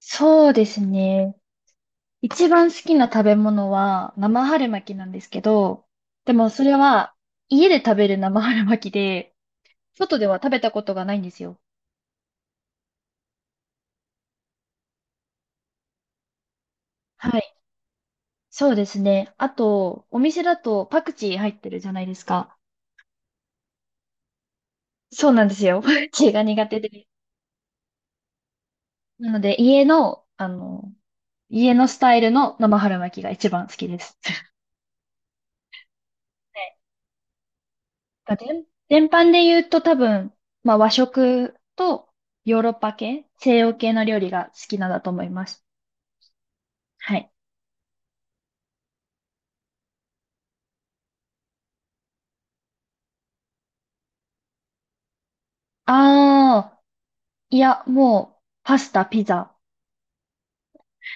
そうですね。一番好きな食べ物は生春巻きなんですけど、でもそれは家で食べる生春巻きで、外では食べたことがないんですよ。はい。そうですね。あと、お店だとパクチー入ってるじゃないですか。そうなんですよ。パクチーが苦手で。なので、家のスタイルの生春巻きが一番好きです。なんか全般で言うと多分、まあ和食とヨーロッパ系、西洋系の料理が好きなんだと思います。はい。ああ、いや、もう、パスタ、ピザ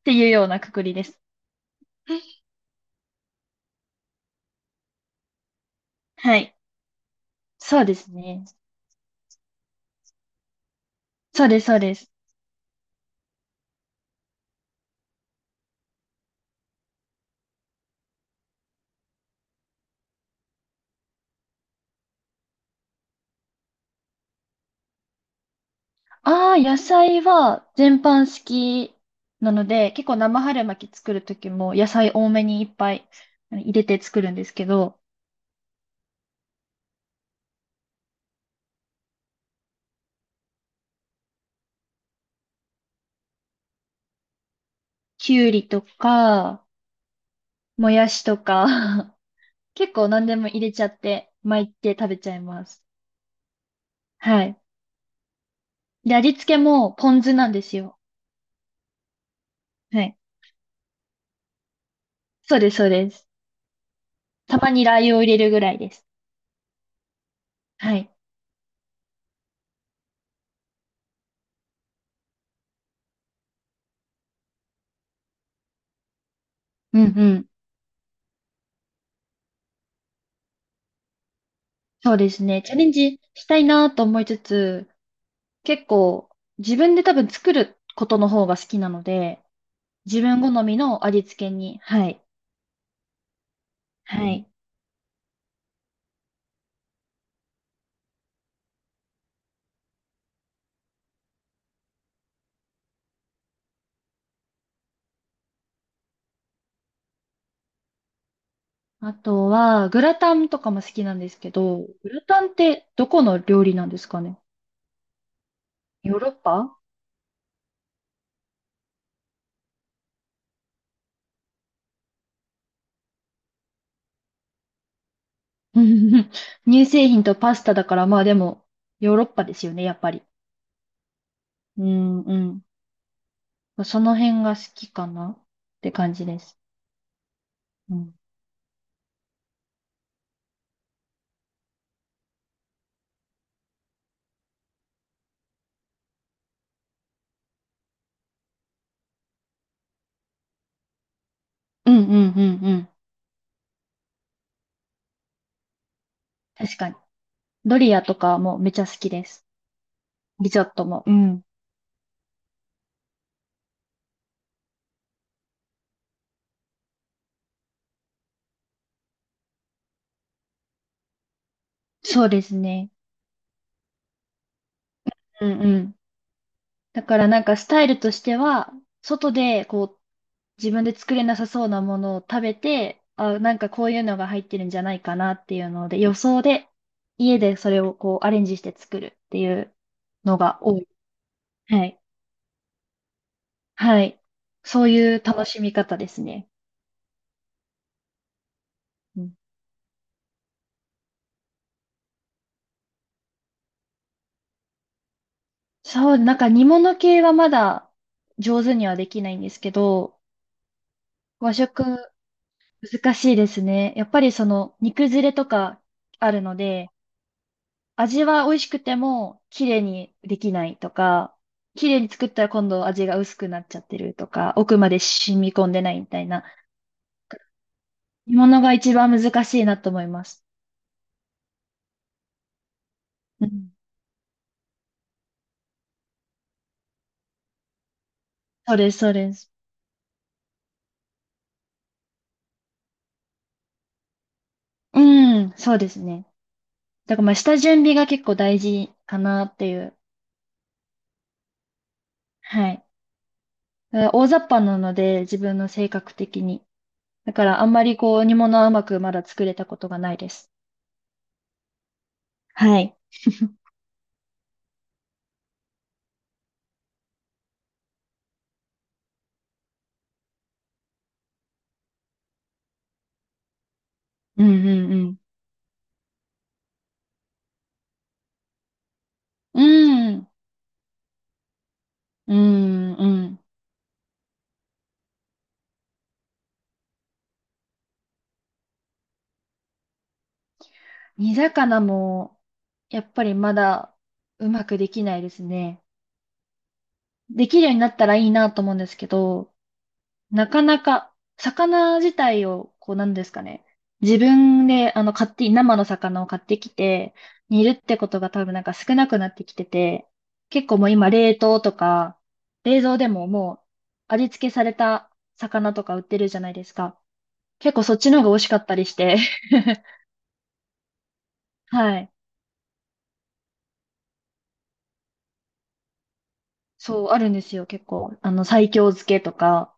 っていうようなくくりです。はい。そうですね。そうです、そうです。ああ、野菜は全般好きなので、結構生春巻き作るときも野菜多めにいっぱい入れて作るんですけど、きゅうりとか、もやしとか 結構何でも入れちゃって、巻いて食べちゃいます。はい。で、味付けもポン酢なんですよ。はい。そうです、そうです。たまにラー油を入れるぐらいです。はい。うんうん。そうですね。チャレンジしたいなと思いつつ、結構自分で多分作ることの方が好きなので、自分好みの味付けに、はい。はい。あとは、グラタンとかも好きなんですけど、グラタンってどこの料理なんですかね？ヨーロッパ。 うん。乳製品とパスタだから、まあでも、ヨーロッパですよね、やっぱり。うんうん。まあその辺が好きかなって感じです。うん。うんうんうんうん。確かに。ドリアとかもめちゃ好きです。リゾットも。うん。そうですね。うんうん。だからなんかスタイルとしては、外でこう自分で作れなさそうなものを食べて、あ、なんかこういうのが入ってるんじゃないかなっていうので、予想で家でそれをこうアレンジして作るっていうのが多い。はい。はい。そういう楽しみ方ですね。うん、そう、なんか煮物系はまだ上手にはできないんですけど、和食難しいですね。やっぱりその煮崩れとかあるので、味は美味しくても、綺麗にできないとか、綺麗に作ったら今度味が薄くなっちゃってるとか、奥まで染み込んでないみたいな、煮物が一番難しいなと思います。うん。そうです、そうです。うん、そうですね。だからまあ、下準備が結構大事かなっていう。はい。だから大雑把なので、自分の性格的に。だからあんまりこう、煮物はうまくまだ作れたことがないです。はい。うん、うん、うん。うん、うん、うん。煮魚も、やっぱりまだうまくできないですね。できるようになったらいいなと思うんですけど、なかなか、魚自体を、こうなんですかね。自分で、あの、買って、生の魚を買ってきて、煮るってことが多分なんか少なくなってきてて、結構もう今冷凍とか、冷蔵でももう味付けされた魚とか売ってるじゃないですか。結構そっちの方が美味しかったりして。はい。そう、あるんですよ、結構。西京漬けとか。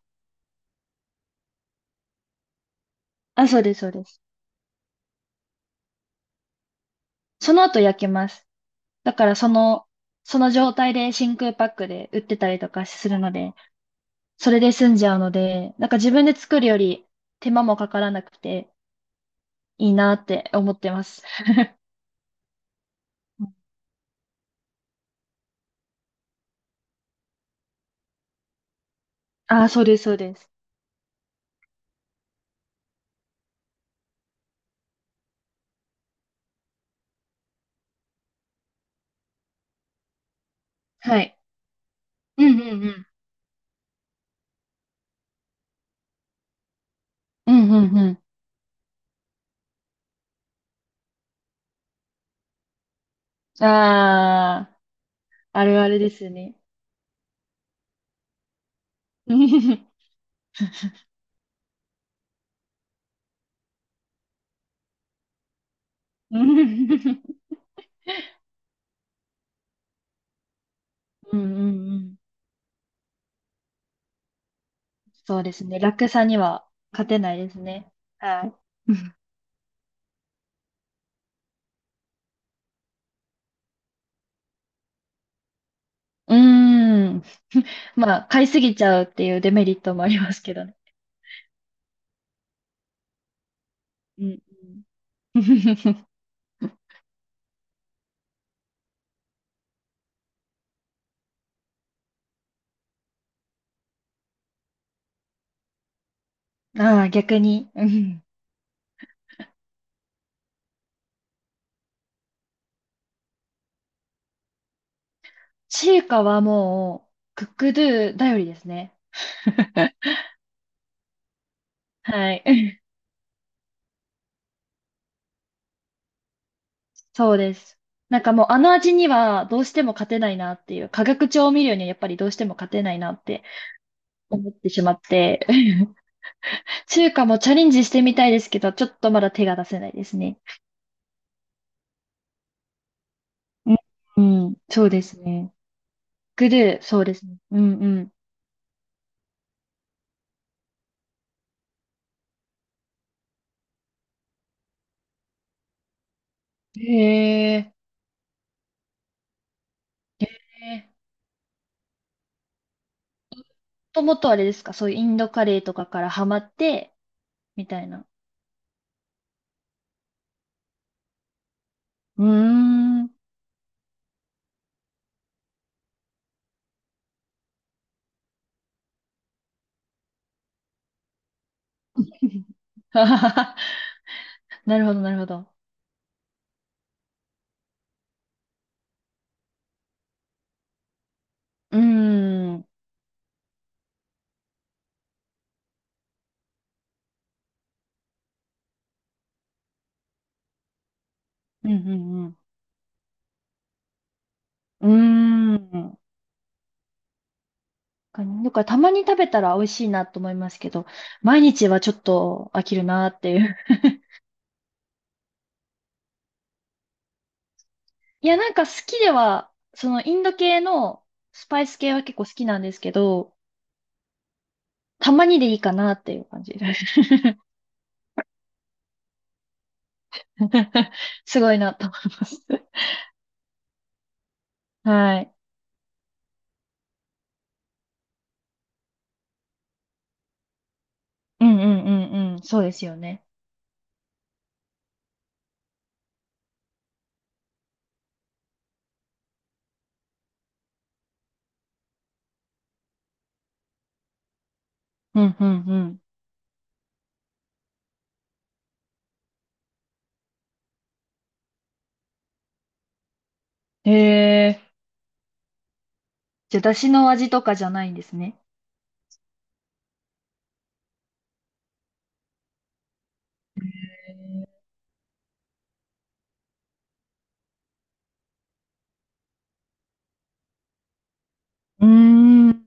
あ、そうです、そうです。その後焼けます。だから、その状態で真空パックで売ってたりとかするので、それで済んじゃうので、なんか自分で作るより手間もかからなくていいなって思ってます。うん。あ、そうです、そうです。はい。うんうんうん。うんうんうん。ああ、あるあるですね。うんうんうん。そうですね。楽さには勝てないですね。はい。うん。まあ、買いすぎちゃうっていうデメリットもありますけどね。うんうん ああ、逆に。うん。中華はもう、クックドゥ頼りですね。はい。そうです。なんかもうあの味にはどうしても勝てないなっていう、化学調味料にはやっぱりどうしても勝てないなって思ってしまって、中華もチャレンジしてみたいですけど、ちょっとまだ手が出せないですね。うん、うん、そうですね。グルー、そうですね。うんうん。へえ。へえ、もともとあれですか、そういうインドカレーとかからハマって、みたいな。うーん。なるほど、なるほど。うーん。うんうんうん。うーん。だからたまに食べたら美味しいなと思いますけど、毎日はちょっと飽きるなっていう。いや、なんか好きでは、そのインド系のスパイス系は結構好きなんですけど、たまにでいいかなっていう感じです。すごいなと思います。はい。うんうんうんうん。そうですよね。うんうんうん。へえ。じゃあ、だしの味とかじゃないんですね。うーん。